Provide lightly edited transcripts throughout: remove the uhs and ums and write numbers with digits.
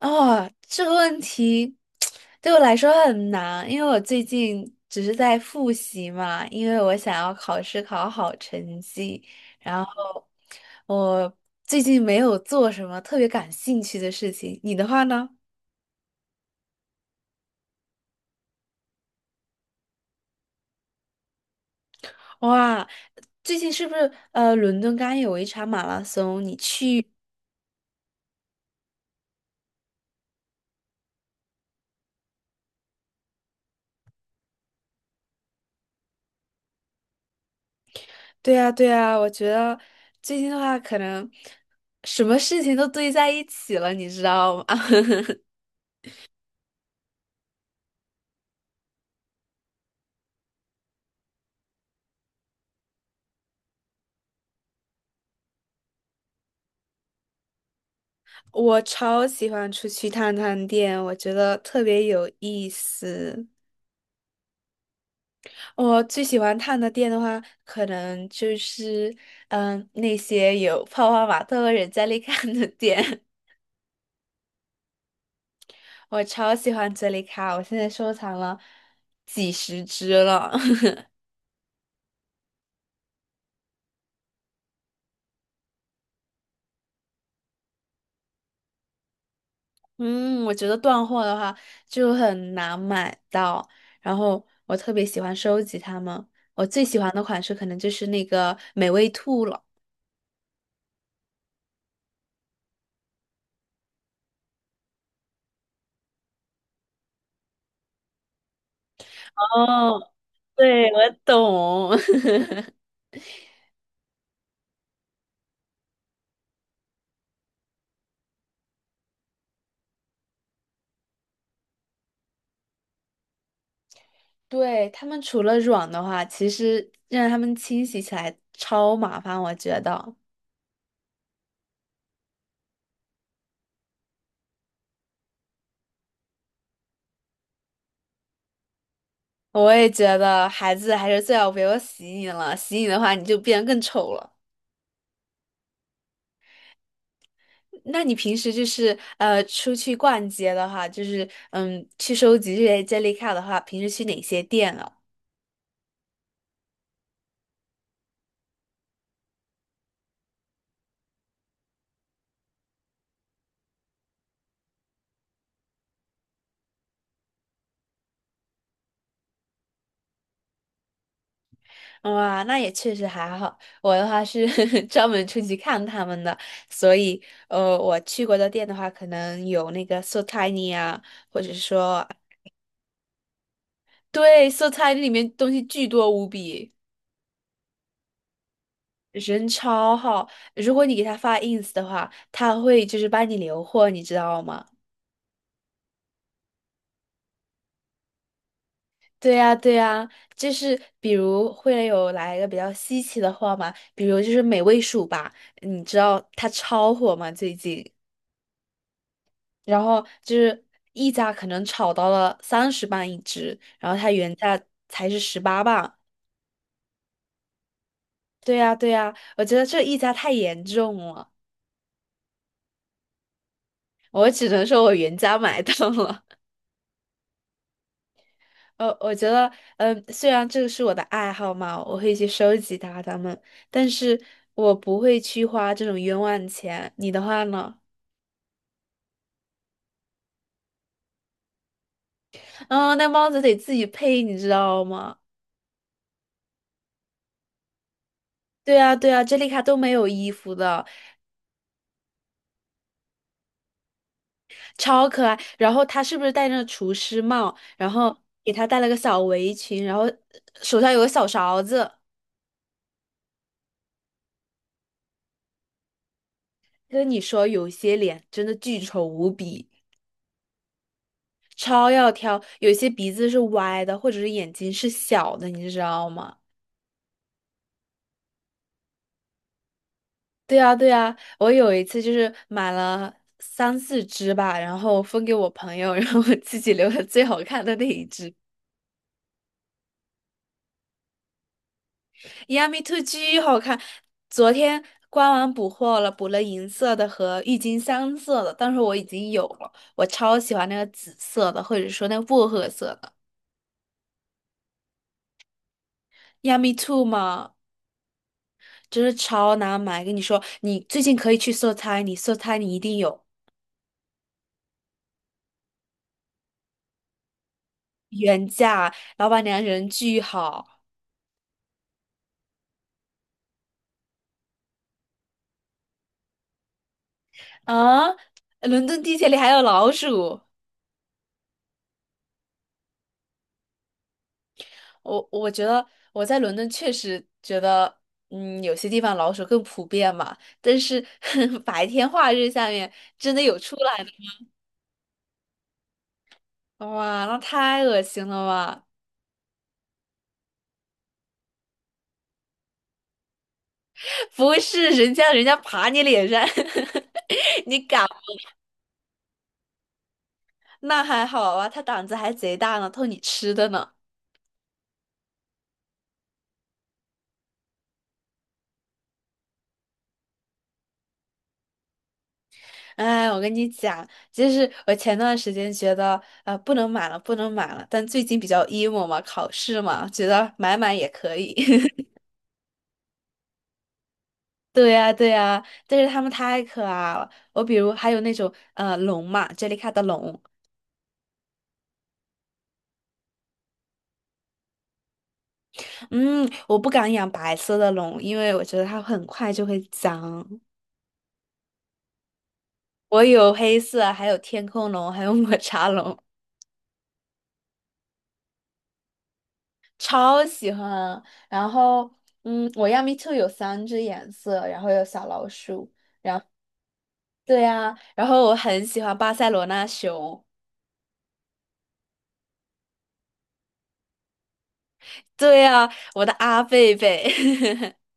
哦，这个问题对我来说很难，因为我最近只是在复习嘛，因为我想要考试考好成绩，然后我最近没有做什么特别感兴趣的事情。你的话呢？哇，最近是不是伦敦刚有一场马拉松，你去？对呀对呀，我觉得最近的话，可能什么事情都堆在一起了，你知道吗？我超喜欢出去探探店，我觉得特别有意思。我最喜欢探的店的话，可能就是那些有泡泡玛特和人在利卡的店。我超喜欢哲理卡，我现在收藏了几十只了。嗯，我觉得断货的话就很难买到，然后我特别喜欢收集它们。我最喜欢的款式可能就是那个美味兔了。哦 对，我懂。对，他们除了软的话，其实让他们清洗起来超麻烦，我觉得。我也觉得孩子还是最好不要洗你了，洗你的话你就变得更丑了。那你平时就是出去逛街的话，就是去收集这些 Jellycat 的话，平时去哪些店啊？哇，那也确实还好。我的话是 专门出去看他们的，所以我去过的店的话，可能有那个 So Tiny 啊，或者说对 So Tiny 里面东西巨多无比，人超好。如果你给他发 ins 的话，他会就是帮你留货，你知道吗？对呀，对呀，就是比如会有来一个比较稀奇的货嘛，比如就是美味鼠吧，你知道它超火吗？最近。然后就是溢价可能炒到了30磅一只，然后它原价才是18磅。对呀，对呀，我觉得这溢价太严重了，我只能说我原价买到了。我觉得，虽然这个是我的爱好嘛，我会去收集它们，但是我不会去花这种冤枉钱。你的话呢？嗯，那帽子得自己配，你知道吗？对啊，对啊，这里卡都没有衣服的，超可爱。然后他是不是戴着厨师帽？然后给他戴了个小围裙，然后手上有个小勺子。跟你说，有些脸真的巨丑无比，超要挑。有些鼻子是歪的，或者是眼睛是小的，你知道吗？对啊，对啊，我有一次就是买了3、4只吧，然后分给我朋友，然后我自己留了最好看的那一只。Yummy Two 巨好看，昨天官网补货了，补了银色的和郁金香色的，但是我已经有了，我超喜欢那个紫色的，或者说那个薄荷色的。Yummy Two 嘛，真是超难买，跟你说，你最近可以去搜猜，你搜猜你一定有原价，老板娘人巨好啊！伦敦地铁里还有老鼠。我觉得我在伦敦确实觉得，有些地方老鼠更普遍嘛，但是 白天化日下面真的有出来的，哇，那太恶心了吧！不是人家爬你脸上，你敢？那还好啊，它胆子还贼大呢，偷你吃的呢。哎，我跟你讲，就是我前段时间觉得，啊，不能买了，不能买了，但最近比较 emo 嘛，考试嘛，觉得买买也可以。对呀，对呀，但是它们太可爱了。我比如还有那种龙嘛，杰里卡的龙，嗯，我不敢养白色的龙，因为我觉得它很快就会脏。我有黑色，还有天空龙，还有抹茶龙，超喜欢。然后，我亚米兔有3只颜色，然后有小老鼠。对呀，然后我很喜欢巴塞罗那熊。对呀，我的阿贝贝。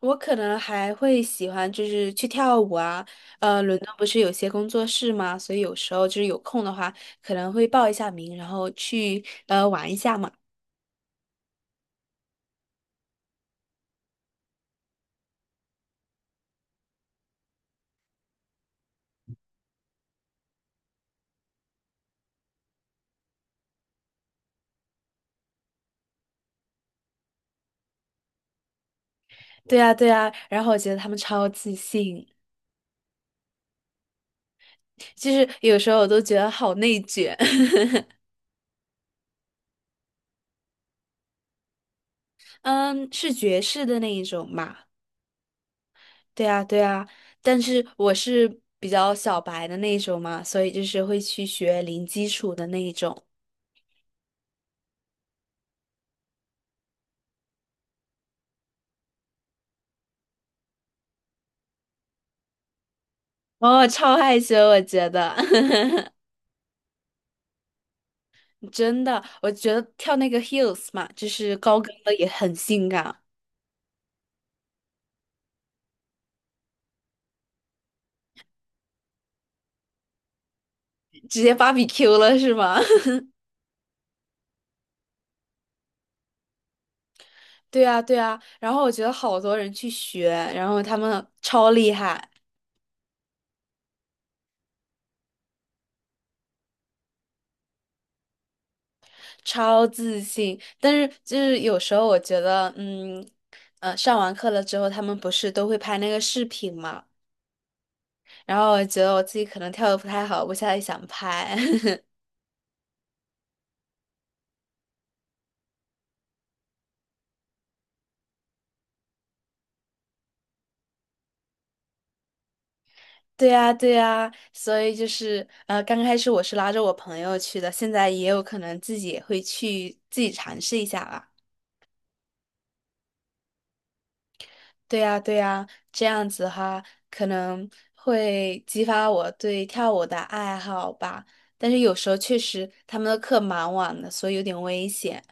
我可能还会喜欢就是去跳舞啊，伦敦不是有些工作室吗？所以有时候就是有空的话，可能会报一下名，然后去玩一下嘛。对啊，对啊，然后我觉得他们超自信，就是有时候我都觉得好内卷。嗯，是爵士的那一种嘛？对啊，对啊，但是我是比较小白的那一种嘛，所以就是会去学零基础的那一种。哦，超害羞，我觉得。真的，我觉得跳那个 heels 嘛，就是高跟的也很性感，直接芭比 Q 了是吗？对啊，对啊。然后我觉得好多人去学，然后他们超厉害，超自信。但是就是有时候我觉得，上完课了之后，他们不是都会拍那个视频嘛？然后我觉得我自己可能跳的不太好，我现在想拍。对呀，对呀，所以就是刚开始我是拉着我朋友去的，现在也有可能自己也会去自己尝试一下吧。对呀，对呀，这样子哈可能会激发我对跳舞的爱好吧。但是有时候确实他们的课蛮晚的，所以有点危险。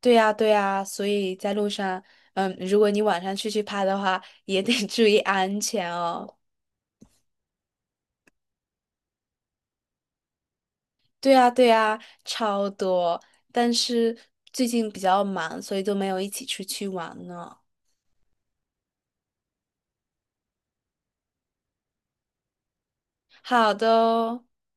对呀，对呀，所以在路上，如果你晚上出去拍的话，也得 注意安全哦。对呀，对呀，超多，但是最近比较忙，所以都没有一起出去玩呢。好的哦，